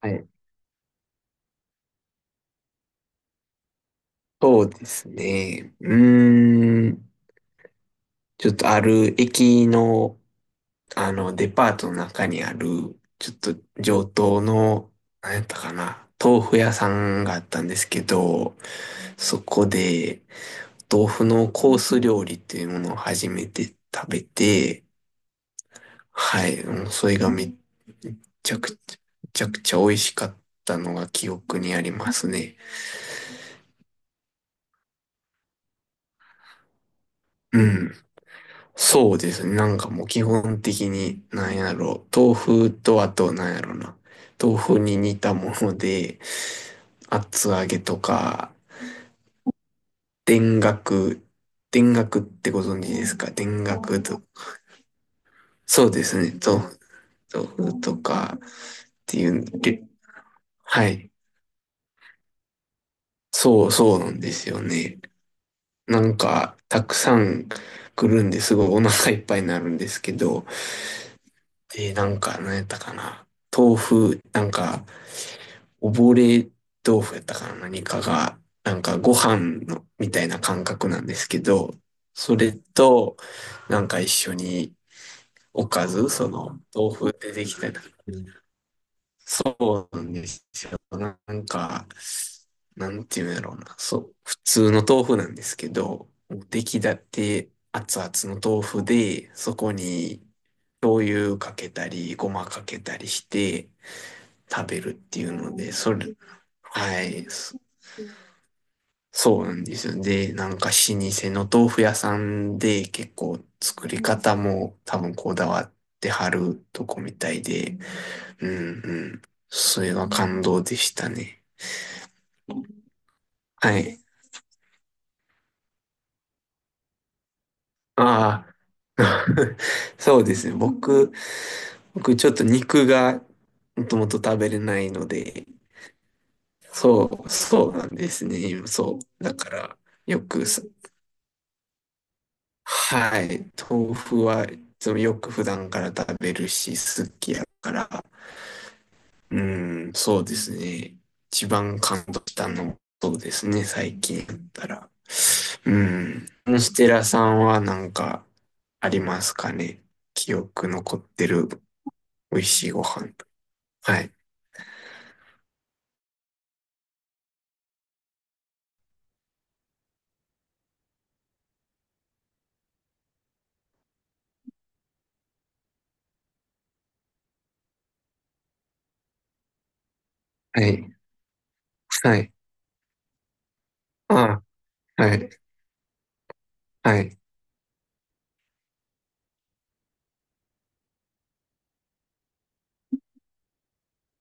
はい。そうですね。ーん。ちょっとある駅の、デパートの中にある、ちょっと上等の、何やったかな、豆腐屋さんがあったんですけど、そこで、豆腐のコース料理っていうものを初めて食べて、はい。もうそれがめっちゃくちゃ、めちゃくちゃ美味しかったのが記憶にありますね。うん。そうですね。なんかもう基本的に、なんやろう。豆腐とあと、なんやろな。豆腐に似たもので、厚揚げとか、田楽、田楽ってご存知ですか？田楽と。そうですね。豆腐、豆腐とかっていう、で、はい。そうそうなんですよね。なんか、たくさん来るんですごいお腹いっぱいになるんですけど、で、なんか、何やったかな。豆腐、なんか、溺れ豆腐やったかな、何かが、なんかご飯の、みたいな感覚なんですけど、それと、なんか一緒におかず、その、豆腐でできたり、そうなんですよ。なんか、なんていうんやろうな、そう、普通の豆腐なんですけど、出来立て熱々の豆腐で、そこに醤油かけたり、ごまかけたりして食べるっていうので、それ、はい、そうなんですよ。で、なんか老舗の豆腐屋さんで結構作り方も多分こだわってはるとこみたいで、うんうん。それは感動でしたね。はい。ああ、そうですね。僕ちょっと肉がもともと食べれないので、そうなんですね。そう。だから、よくさ、はい。豆腐はいつもよく普段から食べるし、好きやから。うん、そうですね。一番感動したのもそうですね、最近だったら。うん。ステラさんはなんかありますかね。記憶残ってる美味しいご飯。はい。はい。はい。あ、はい。はい。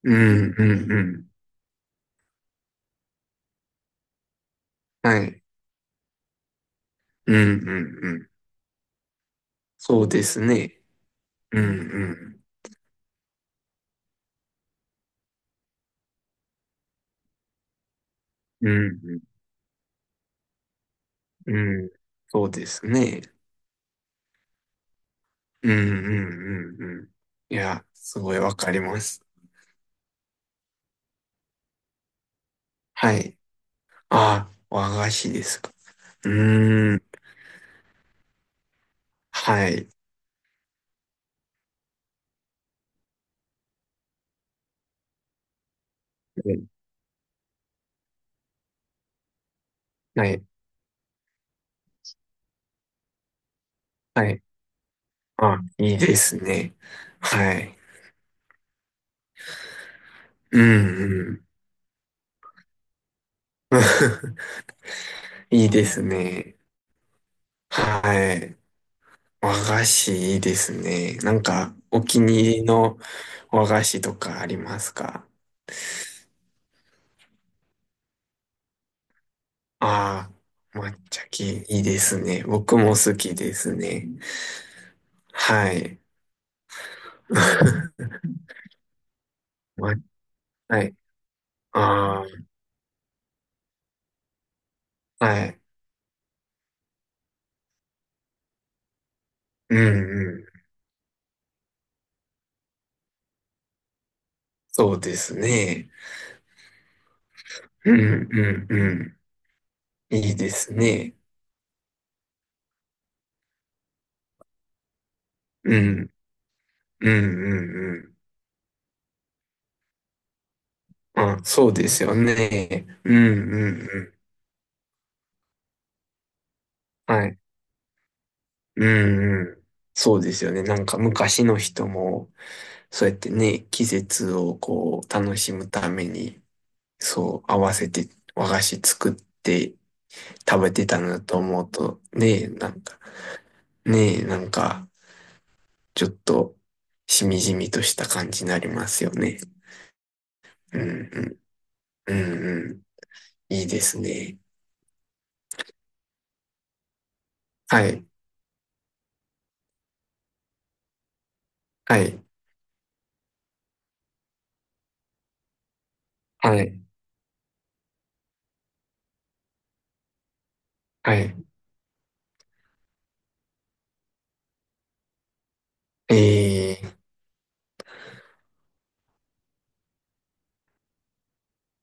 うん、うん、うん。はい。うん、うん、うん。そうですね。うん、うん。うん、うん。うん、そうですね。うんうんうんうん。いや、すごいわかります。はい。あ、和菓子ですか。うーん。はい。はい。はい。あ、いいですね。はい。うんうん。いいですね。はい。和菓子いいですね。なんか、お気に入りの和菓子とかありますか？ああー、抹茶系いいですね。僕も好きですね。はい。ま、はい。ああ、はい。うんうん。そうですね。うんうんうん。いいですね。うん。うんうんうん。あ、そうですよね。うんうんうん。はい。うんうん。そうですよね。なんか昔の人も、そうやってね、季節をこう、楽しむために、そう、合わせて和菓子作って食べてたなと思うと、ねえ、なんか、ねえ、なんか、ちょっと、しみじみとした感じになりますよね。うんうん、うんうん、いいですね。はい、はい、はい、はい、えー、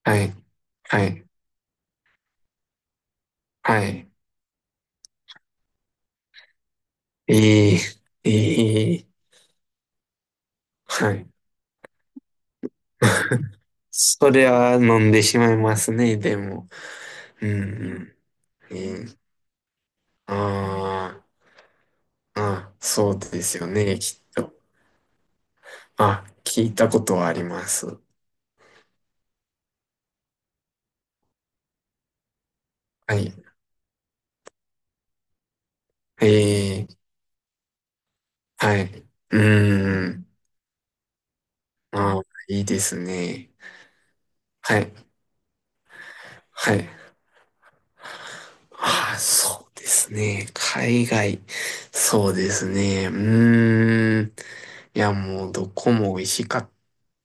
はい、はい、はい、えー、えー、はい。それは飲んでしまいますね、でも。うんうん、えー、あー、あ、そうですよね、きっと。あ、聞いたことはあります。はい。えー、はい。うーん。ああ、いいですね。はい。はい。ああ、そうですね。海外。そうですね。うーん。いや、もう、どこも美味しかっ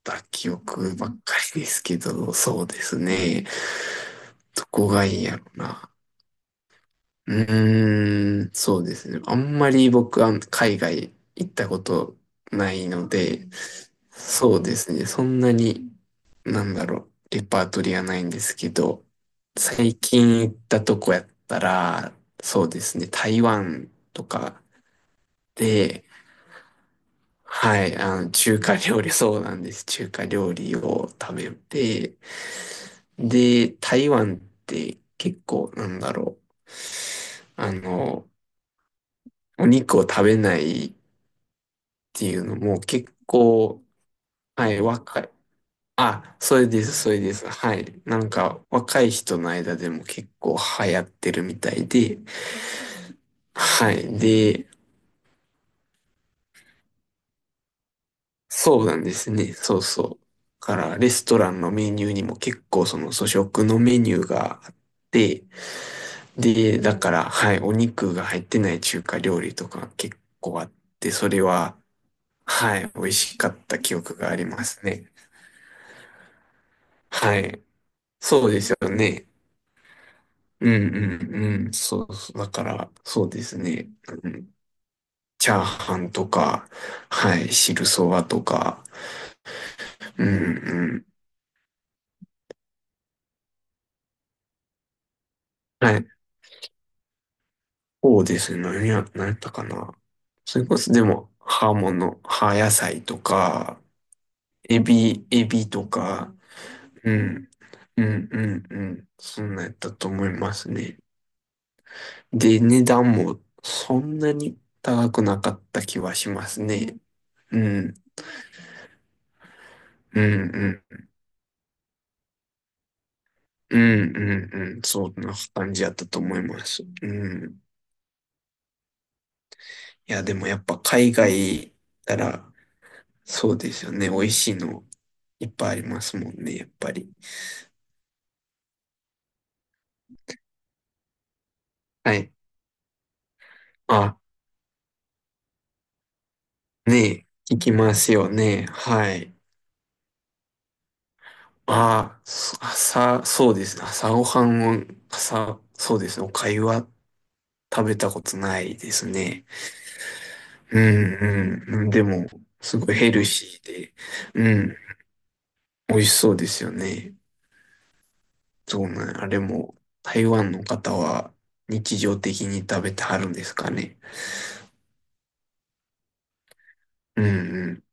た記憶ばっかりですけど、そうですね。どこがいいやろな。うーん、そうですね。あんまり僕は海外行ったことないので、そうですね。そんなに、なんだろう、レパートリーはないんですけど、最近行ったとこやったら、そうですね。台湾とかで、はい、中華料理、そうなんです。中華料理を食べて、で、台湾って結構、なんだろう、あの、お肉を食べないっていうのも結構、はい、若い。あ、それです、それです。はい。なんか、若い人の間でも結構流行ってるみたいで、はい。で、そうなんですね。そうそう。だから、レストランのメニューにも結構その素食のメニューがあって、で、だから、はい、お肉が入ってない中華料理とか結構あって、それは、はい、美味しかった記憶がありますね。はい。そうですよね。うんうんうん。そうそう。だから、そうですね。うん。チャーハンとか、はい、汁そばとか、うんうん。はい。そうですね。何や、何やったかな。それこそ、でも、葉物、葉野菜とか、エビとか、うん。うんうんうん。そんなんやったと思いますね。で、値段もそんなに高くなかった気はしますね。うん。うんうんうん、うん、うん。そんな感じやったと思います。うん。いや、でもやっぱ海外行ったら、そうですよね。美味しいのいっぱいありますもんね、やっぱり。はい。あ、ねえ、聞きますよね。はい。そうですね。朝ごはんを、朝、そうですね。お粥は食べたことないですね。うん。うんでも、すごいヘルシーで、うん。美味しそうですよね。そうなん、あれも、台湾の方は日常的に食べてはるんですかね。うん